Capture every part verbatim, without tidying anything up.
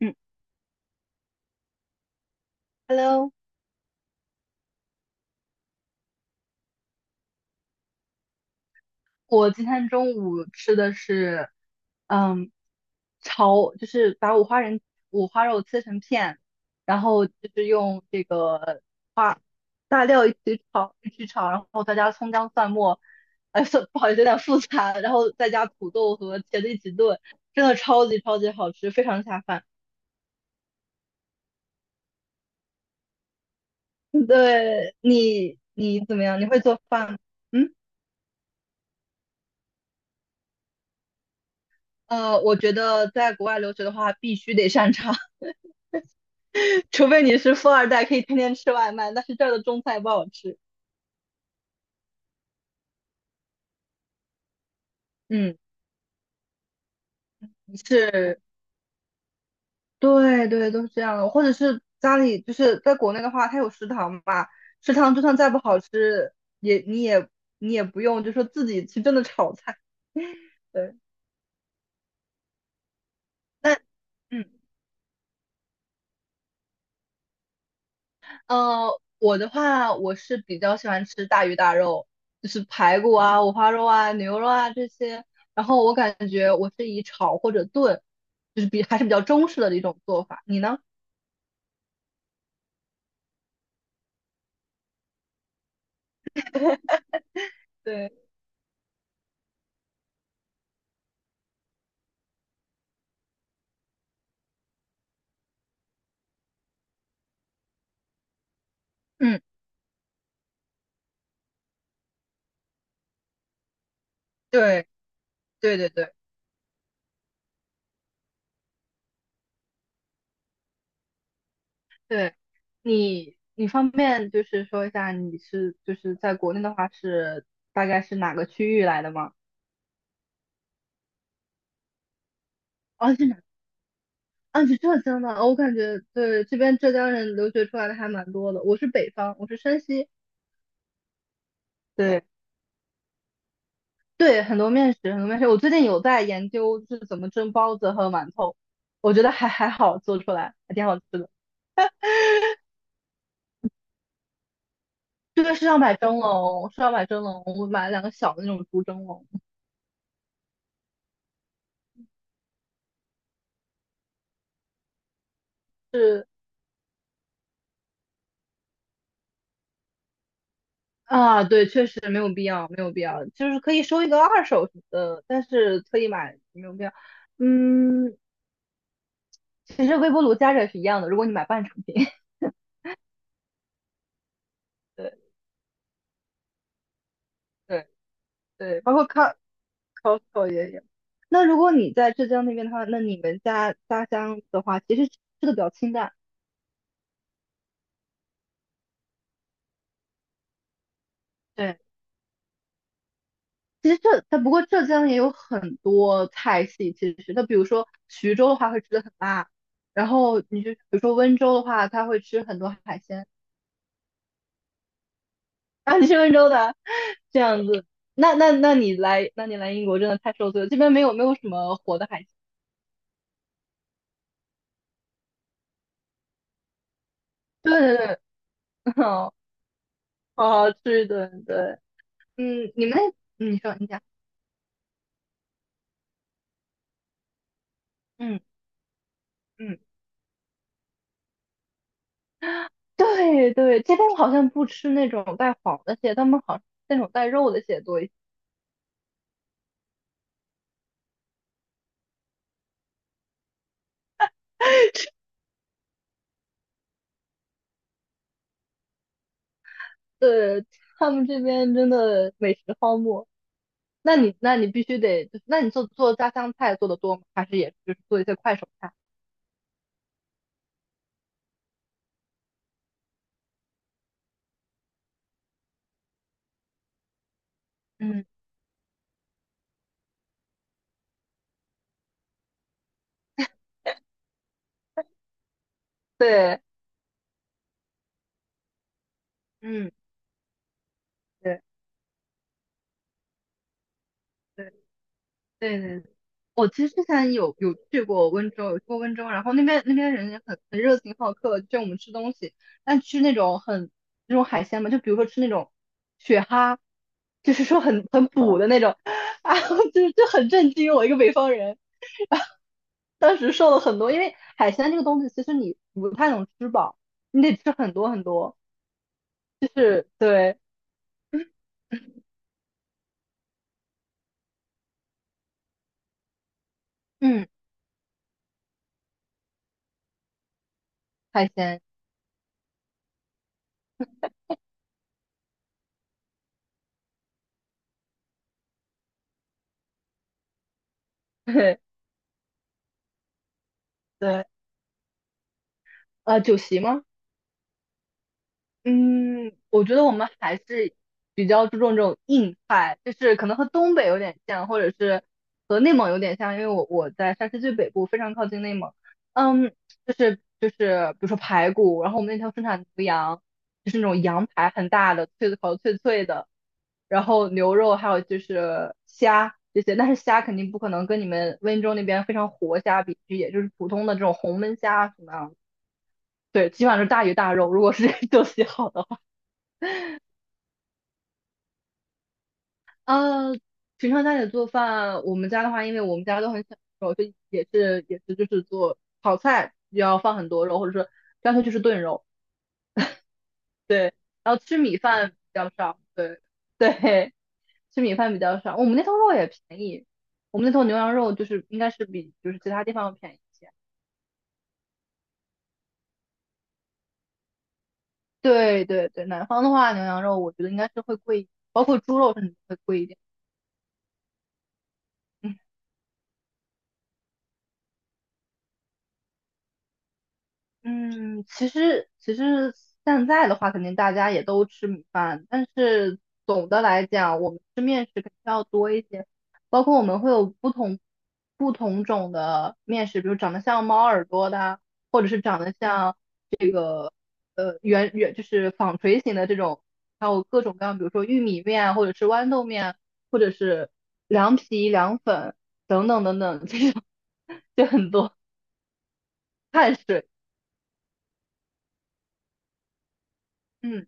嗯，Hello，我今天中午吃的是，嗯，炒就是把五花仁五花肉切成片，然后就是用这个花大料一起炒一起炒，然后再加葱姜蒜末。哎，算不好意思，有点复杂，然后再加土豆和茄子一起炖，真的超级超级好吃，非常下饭。对。你你怎么样？你会做饭吗？嗯。呃，我觉得在国外留学的话，必须得擅长。除非你是富二代，可以天天吃外卖，但是这儿的中菜不好吃。嗯。是。对对，都是这样的。或者是家里，就是在国内的话，它有食堂吧，食堂就算再不好吃，也你也你也不用，就说自己去真的炒菜。对。那嗯，呃，我的话，我是比较喜欢吃大鱼大肉，就是排骨啊、五花肉啊、牛肉啊这些。然后我感觉我是以炒或者炖，就是比还是比较中式的一种做法。你呢？对，嗯，对，对对对对，你你方便就是说一下，你是就是在国内的话是大概是哪个区域来的吗？哦，是哪？啊，是浙江的。哦，我感觉对这边浙江人留学出来的还蛮多的。我是北方，我是山西。对对，很多面食，很多面食。我最近有在研究就是怎么蒸包子和馒头，我觉得还还好做出来，还挺好吃的。这个是要买蒸笼，是要买蒸笼，我买了两个小的那种竹蒸笼。是。啊，对，确实没有必要，没有必要，就是可以收一个二手什么的，但是特意买没有必要。嗯，其实微波炉加热也是一样的，如果你买半成品。对对对，包括 Co- c s t c o 也有。那如果你在浙江那边的话，那你们家家乡的话，其实吃的比较清淡。对，其实浙，但不过浙江也有很多菜系，其实那比如说徐州的话会吃的很辣，然后你就比如说温州的话，他会吃很多海鲜。啊，你是温州的？这样子，那那那你来，那你来英国真的太受罪了。这边没有没有什么活的海鲜，对对对。好，好好吃一顿，对。嗯，你们那，嗯你说你讲。嗯嗯。对对，这边好像不吃那种带黄的蟹，他们好像那种带肉的蟹多一些。对，他们这边真的美食荒漠。那你那你必须得，那你做做家乡菜做的多吗？还是也就是做一些快手菜？嗯，对，嗯，对对。对对，我其实之前有有去过温州，有去过温州，然后那边那边人也很很热情好客，就我们吃东西，但吃那种很那种海鲜嘛，就比如说吃那种雪蛤，就是说很很补的那种。啊，就就很震惊，我一个北方人，当时瘦了很多，因为海鲜这个东西其实你不太能吃饱，你得吃很多很多，就是对，嗯，海鲜。对对。呃，酒席吗？嗯，我觉得我们还是比较注重这种硬派，就是可能和东北有点像，或者是和内蒙有点像，因为我我在山西最北部，非常靠近内蒙。嗯，就是就是比如说排骨，然后我们那条生产牛羊，就是那种羊排很大的，脆的烤的脆脆的，然后牛肉还有就是虾这些，但是虾肯定不可能跟你们温州那边非常活虾比，也就是普通的这种红焖虾什么样的。对，基本上是大鱼大肉，如果是 这种喜好的话。呃，平常家里做饭，我们家的话，因为我们家都很小肉，就也是也是就是做炒菜要放很多肉，或者说干脆就是炖肉。对。然后吃米饭比较少，对 对，吃米饭比较少。我们那头肉也便宜，我们那头牛羊肉就是应该是比就是其他地方要便宜一些。对对对，南方的话，牛羊肉我觉得应该是会贵一点，包括猪肉甚至会贵一点。嗯。嗯，其实其实现在的话，肯定大家也都吃米饭，但是总的来讲，我们吃面食肯定要多一些，包括我们会有不同不同种的面食，比如长得像猫耳朵的啊，或者是长得像呃圆圆就是纺锤形的这种，还有各种各样，比如说玉米面啊或者是豌豆面啊或者是凉皮、凉粉等等等等，这种 就很多碳水。嗯。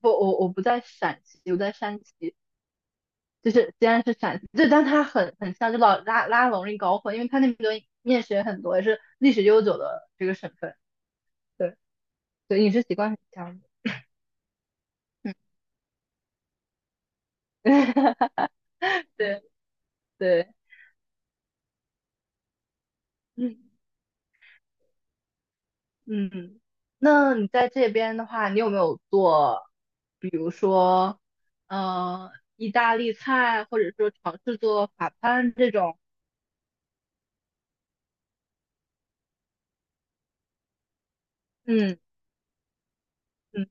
不，我我不在陕西，我在山西，就是虽然是陕西，就但它很很像，就老拉拉拢一搞混，因为它那边面食也很多，也是历史悠久的这个省份。对。对，饮食习惯很像的。嗯。对对。嗯嗯，那你在这边的话，你有没有做，比如说，呃，意大利菜，或者说尝试做法餐这种？嗯嗯，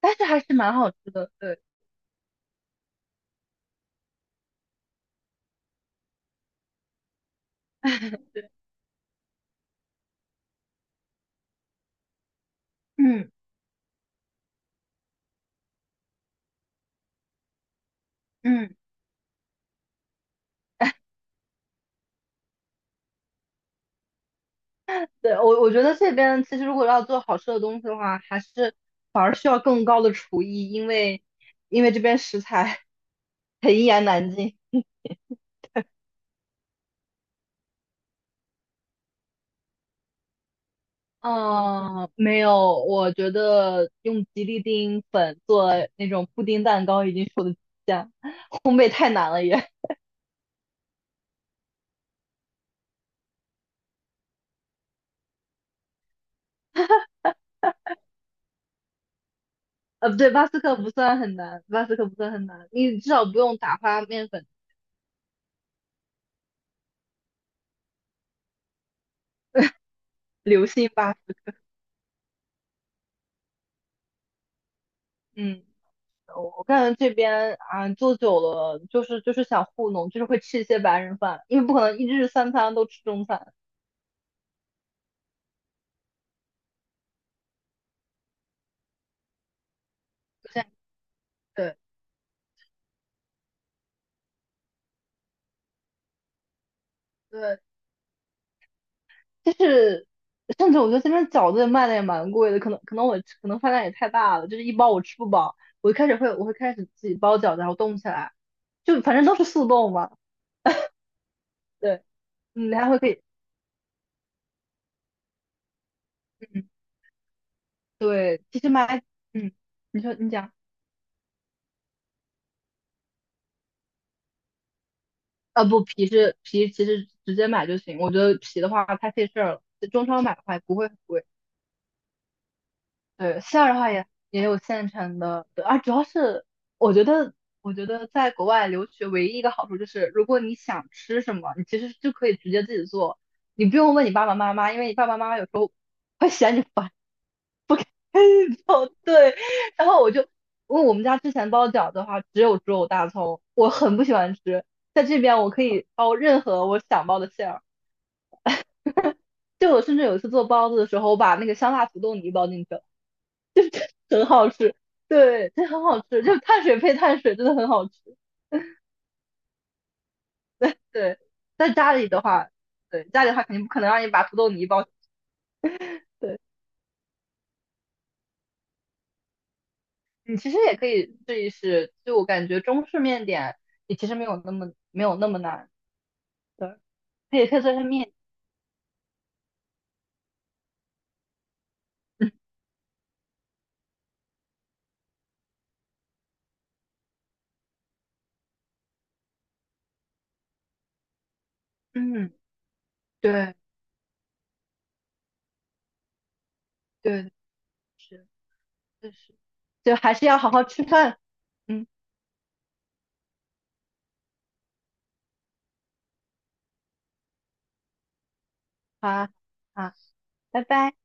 但是还是蛮好吃的，对。嗯嗯。对，我我觉得这边其实如果要做好吃的东西的话，还是反而需要更高的厨艺，因为因为这边食材 嗯，没有，我觉得用吉利丁粉做那种布丁蛋糕已经是我的极限，烘焙太难了也。呃，不对，巴斯克不算很难，巴斯克不算很难，你至少不用打发面粉，流心巴斯克。嗯，我我感觉这边啊做久了，就是就是想糊弄，就是会吃一些白人饭，因为不可能一日三餐都吃中餐，对对，就是甚至我觉得这边饺子也卖的也蛮贵的，可能可能我可能饭量也太大了，就是一包我吃不饱，我一开始会我会开始自己包饺子，然后冻起来，就反正都是速冻嘛。对，你还会可以，嗯，对，其实买，嗯，你说你讲。呃，不，皮是皮，其实直接买就行。我觉得皮的话太费事儿了，中超买的话也不会很贵。对，馅儿的话也也有现成的，对啊，主要是我觉得，我觉得在国外留学唯一一个好处就是，如果你想吃什么，你其实就可以直接自己做，你不用问你爸爸妈妈，因为你爸爸妈妈有时候会嫌你烦，不给你做。对，然后我就，因为我们家之前包饺子的话，只有猪肉大葱，我很不喜欢吃，在这边我可以包任何我想包的馅儿。就我甚至有一次做包子的时候，我把那个香辣土豆泥包进去了，很好吃。对，这很好吃，就碳水配碳水，真的很好吃。对，在家里的话，对，家里的话肯定不可能让你把土豆泥包。对，你其实也可以试一试，就我感觉中式面点也其实没有那么没有那么难。对，它也可以做成面。嗯。嗯，对对，是。就是，就还是要好好吃饭。嗯，好啊，好，拜拜。